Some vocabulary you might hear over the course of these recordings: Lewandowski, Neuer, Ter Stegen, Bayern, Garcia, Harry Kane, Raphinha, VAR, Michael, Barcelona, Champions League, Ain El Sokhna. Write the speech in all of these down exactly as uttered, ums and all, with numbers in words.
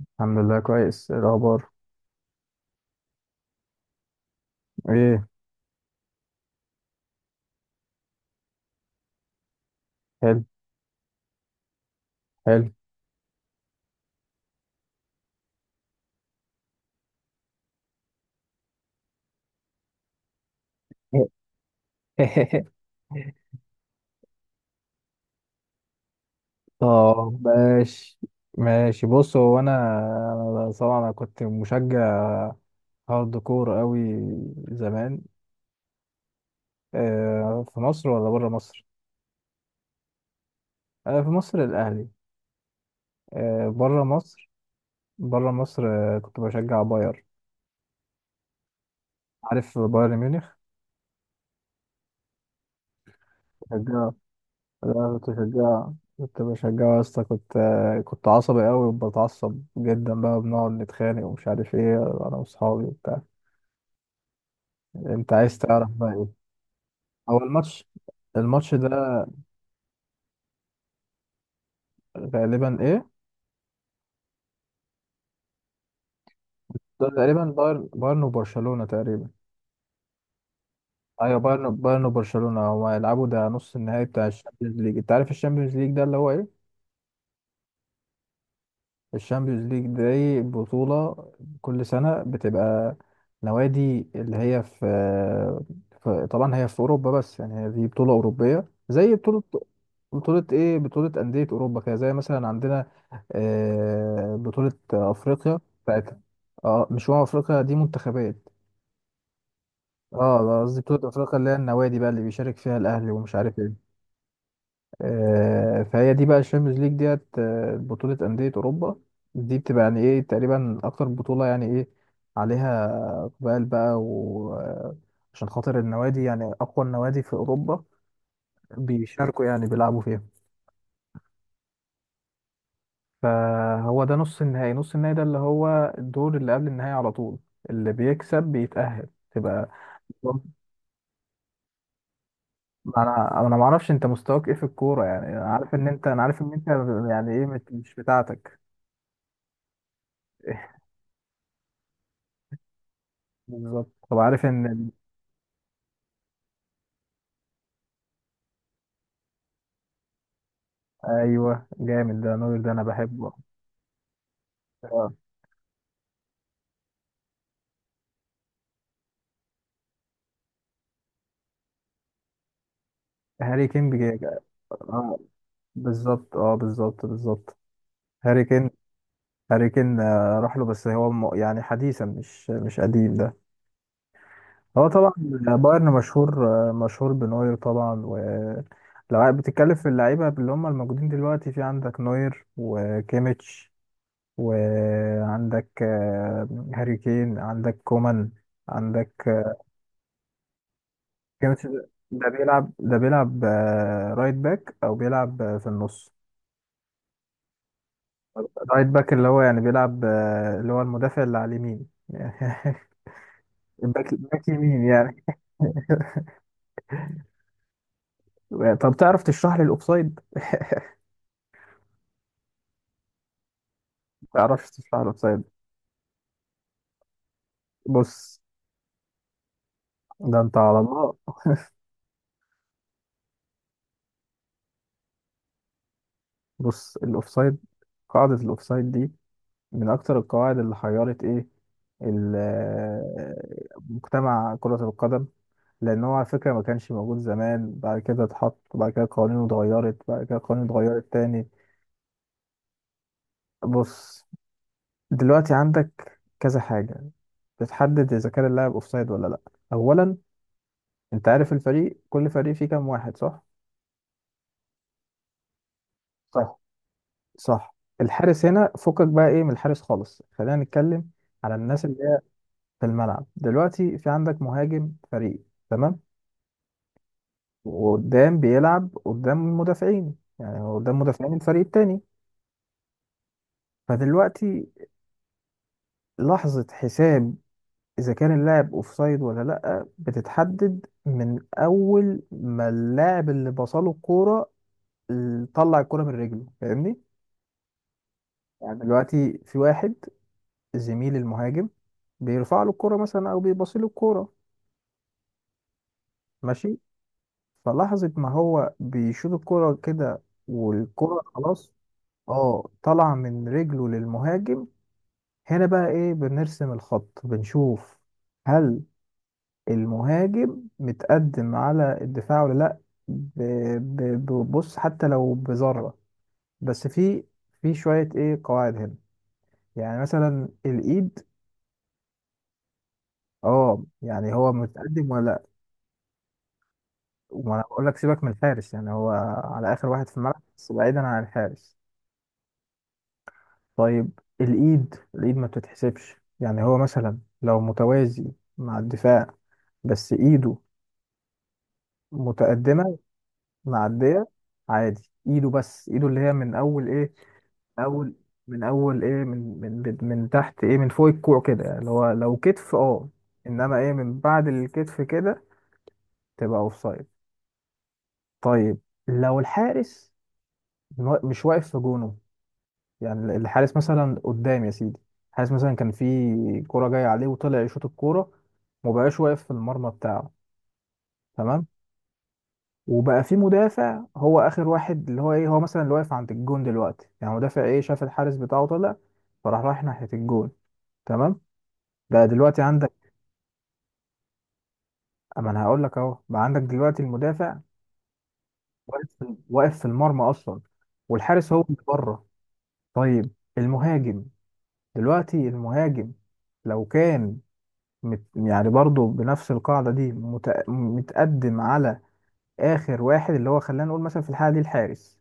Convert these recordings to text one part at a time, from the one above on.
الحمد لله كويس. إيه الأخبار؟ إيه؟ حلو. حلو. طب ماشي. ماشي، بص، هو أنا أنا طبعا أنا كنت مشجع هارد كور قوي زمان. آه، في مصر ولا بره مصر؟ آه، في مصر الأهلي. آه، بره مصر. بره مصر، آه، كنت بشجع باير. عارف بايرن ميونخ؟ بشجع. لا كنت بشجع، كنت بشجع يا اسطى، كنت كنت عصبي قوي وبتعصب جدا بقى، بنقعد نتخانق ومش عارف ايه، انا واصحابي وبتاع. انت عايز تعرف بقى ايه؟ هو الماتش، الماتش ده غالبا ايه، ده تقريبا بايرن بايرن وبرشلونة تقريبا. ايوه بايرن بايرن وبرشلونة هما هيلعبوا، ده نص النهائي بتاع الشامبيونز ليج. انت عارف الشامبيونز ليج ده اللي هو ايه؟ الشامبيونز ليج دي بطولة كل سنة بتبقى، نوادي اللي هي في, في طبعا هي في أوروبا، بس يعني هي دي بطولة أوروبية، زي بطولة، بطولة إيه، بطولة أندية أوروبا كده. زي مثلا عندنا آه، بطولة أفريقيا بتاعت، اه مش هو أفريقيا دي منتخبات، اه قصدي بطولة أفريقيا اللي هي النوادي بقى اللي بيشارك فيها الأهلي ومش عارف إيه. آه، فهي دي بقى الشامبيونز ليج ديت، آه، بطولة أندية أوروبا. دي بتبقى يعني إيه تقريبا أكتر بطولة يعني إيه عليها إقبال بقى، وعشان خاطر النوادي يعني أقوى النوادي في أوروبا بيشاركوا يعني بيلعبوا فيها. فهو ده نص النهائي، نص النهائي ده اللي هو الدور اللي قبل النهائي على طول، اللي بيكسب بيتأهل تبقى. انا انا ما اعرفش انت مستواك ايه في الكوره، يعني انا عارف ان انت، انا عارف ان انت يعني ايه، مت- مش بتاعتك. بالظبط. طب عارف ان ايوه جامد ده نوير، ده انا بحبه. آه. هاري كين بيجي، اه بالظبط، اه بالظبط بالظبط هاري كين. هاري كين آه، راح له، بس هو م... يعني حديثا، مش مش قديم ده. هو طبعا بايرن مشهور، آه، مشهور بنوير طبعا. ولو بتتكلم في اللعيبه اللي هم الموجودين دلوقتي، في عندك نوير وكيميتش، وعندك آه، هاري كين، عندك كومان، عندك جيمس. ده ده بيلعب ده بيلعب آه، رايت باك، او بيلعب آه، في النص. رايت باك اللي هو يعني بيلعب، آه، اللي هو المدافع اللي على اليمين. باك، باك يمين يعني. طب تعرف تشرح لي الاوفسايد؟ تعرفش تشرح الاوفسايد؟ بص، ده انت على الله. بص، الاوفسايد، قاعدة الاوفسايد دي من اكتر القواعد اللي حيرت ايه، ال- آه، مجتمع كرة القدم. لان هو على فكرة ما كانش موجود زمان، بعد كده اتحط، بعد كده قوانينه اتغيرت، بعد كده قوانينه اتغيرت تاني. بص، دلوقتي عندك كذا حاجة بتحدد اذا كان اللاعب اوفسايد ولا لا. اولا، انت عارف الفريق كل فريق فيه كام واحد صح؟ صح، صح. الحارس هنا فكك بقى ايه من الحارس خالص، خلينا نتكلم على الناس اللي هي في الملعب دلوقتي. في عندك مهاجم فريق، تمام، وقدام بيلعب قدام المدافعين، يعني هو قدام مدافعين الفريق التاني. فدلوقتي، لحظة حساب إذا كان اللاعب أوفسايد ولا لأ، بتتحدد من أول ما اللاعب اللي بصله الكورة، ال- طلع الكورة من رجله، فاهمني؟ يعني دلوقتي في واحد، زميل المهاجم، بيرفع له الكورة مثلا أو بيبص له الكورة، ماشي؟ فلحظة ما هو بيشوط الكورة كده، والكورة خلاص اه طالعة من رجله للمهاجم، هنا بقى ايه، بنرسم الخط، بنشوف هل المهاجم متقدم على الدفاع ولا لا. ب- ب- ببص حتى لو بذرة. بس في في شوية ايه قواعد هنا، يعني مثلا الايد. اه يعني هو متقدم ولا لا. وانا بقول لك سيبك من الحارس، يعني هو على اخر واحد في الملعب بس بعيدا عن الحارس. طيب الايد، الايد ما بتتحسبش. يعني هو مثلا لو متوازي مع الدفاع بس ايده متقدمة، معدية، عادي ايده، بس ايده اللي هي من اول ايه، من اول، من اول ايه، من من من من تحت ايه، من فوق الكوع كده، يعني اللي هو لو كتف اه، انما ايه من بعد الكتف كده تبقى اوفسايد. طيب لو الحارس مو- مش واقف في جونه، يعني الحارس مثلا قدام يا سيدي، الحارس مثلا كان في كرة جاية عليه وطلع يشوط الكورة ومبقاش واقف في المرمى بتاعه، تمام، وبقى في مدافع هو اخر واحد اللي هو ايه، هو مثلا اللي واقف عند الجون دلوقتي، يعني مدافع ايه شاف الحارس بتاعه طلع، فراح رايح ناحية الجون، تمام. بقى دلوقتي عندك، اما انا هقول لك اهو، بقى عندك دلوقتي المدافع واقف في واقف في المرمى اصلا، والحارس هو اللي بره. طيب، المهاجم دلوقتي، المهاجم لو كان مت يعني برضه بنفس القاعدة دي، مت... متقدم على آخر واحد اللي هو خلينا نقول مثلا في الحالة دي الحارس،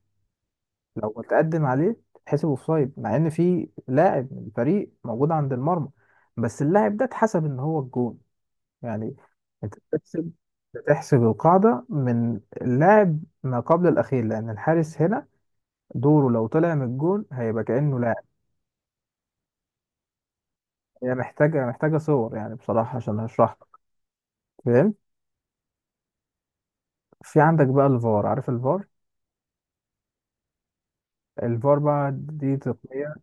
لو اتقدم عليه تحسب اوفسايد، مع ان في لاعب من الفريق موجود عند المرمى، بس اللاعب ده اتحسب ان هو الجون يعني. انت بتحسب، بتحسب القاعده من اللاعب ما قبل الاخير، لان الحارس هنا دوره لو طلع من الجون هيبقى كانه لاعب. هي محتاجه محتاجه صور يعني بصراحه عشان اشرح لك، فاهم؟ في عندك بقى الفار، عارف الفار؟ الفار بقى دي تقنيه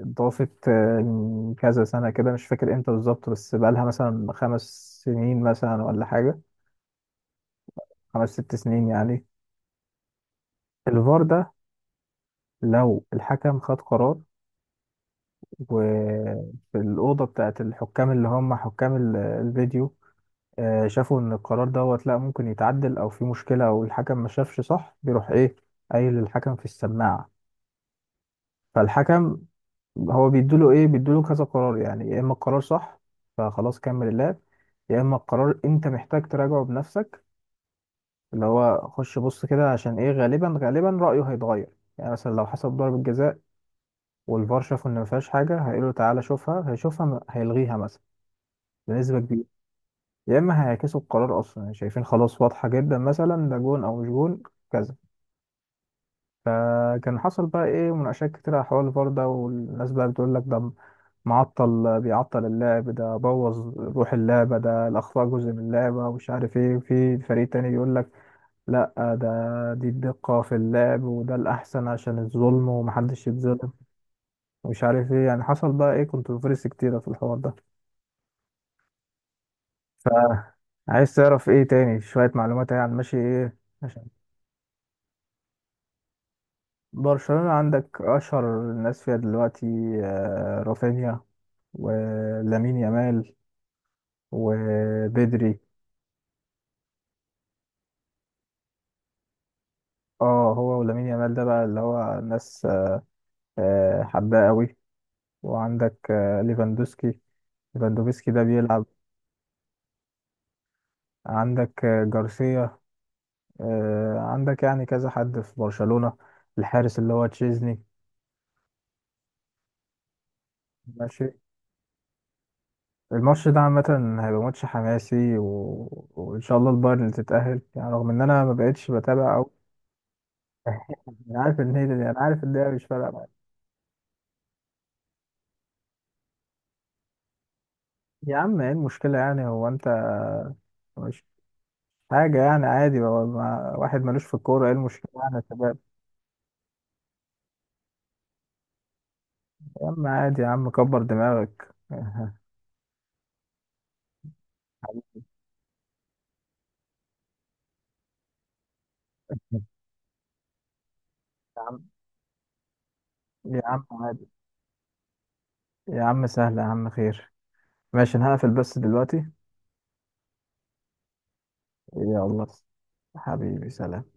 اتضافت آه، من كذا سنة كده، مش فاكر امتى بالظبط، بس بقالها مثلا خمس سنين مثلا ولا حاجة، خمس ست سنين يعني. الفار ده لو الحكم خد قرار، وفي الأوضة بتاعت الحكام اللي هم حكام ال- الفيديو، آه، شافوا إن القرار دوت لأ، ممكن يتعدل أو في مشكلة أو الحكم ما شافش صح، بيروح إيه قايل للحكم في السماعة، فالحكم هو بيدوله ايه، بيدوله كذا قرار. يعني يا اما القرار صح فخلاص كمل اللعب، يا اما القرار انت محتاج تراجعه بنفسك، اللي هو خش بص كده، عشان ايه غالبا غالبا رأيه هيتغير، يعني مثلا لو حسب ضربة جزاء والفار شافوا ان ما فيهاش حاجة، هيقولوا تعالى شوفها، هيشوفها م- هيلغيها مثلا بنسبة كبيرة، يا اما هيعكسوا القرار اصلا، يعني شايفين خلاص واضحة جدا مثلا ده جون او مش جون كذا. فكان حصل بقى ايه مناقشات كتير على حوار الفار ده، والناس بقى بتقول لك ده معطل، بيعطل اللعب، ده بوظ روح اللعبة، ده الأخطاء جزء من اللعبة ومش عارف إيه، وفي فريق تاني بيقول لك لأ، ده دي الدقة في اللعب، وده الأحسن عشان الظلم، ومحدش يتظلم ومش عارف إيه. يعني حصل بقى إيه كونتروفيرسي كتيرة في الحوار ده. فعايز تعرف إيه تاني، شوية معلومات يعني عن ماشي إيه عشان برشلونة؟ عندك أشهر الناس فيها دلوقتي، آه، رافينيا ولامين يامال وبدري. اه هو ولامين يامال ده بقى اللي هو الناس آه، حباه قوي. وعندك آه، ليفاندوسكي، ليفاندوفسكي ده بيلعب. عندك آه، جارسيا، آه، عندك يعني كذا حد في برشلونة، الحارس اللي هو تشيزني. ماشي. الماتش ده عامة هيبقى ماتش حماسي، و... وإن شاء الله البايرن اللي تتأهل، يعني رغم إن أنا ما بقتش بتابع أوي. أنا عارف إن هي، أنا عارف إن هي مش فارقة معايا. يا عم إيه المشكلة، يعني هو أنت حاجة يعني عادي بقى، ما- واحد ملوش في الكورة، ايه المشكلة يعني يا شباب؟ يا عم عادي، يا عم كبر دماغك. يا عم، يا عم عادي، يا عم سهلة، يا عم خير. ماشي انا هقفل بس دلوقتي. يلا حبيبي، سلام.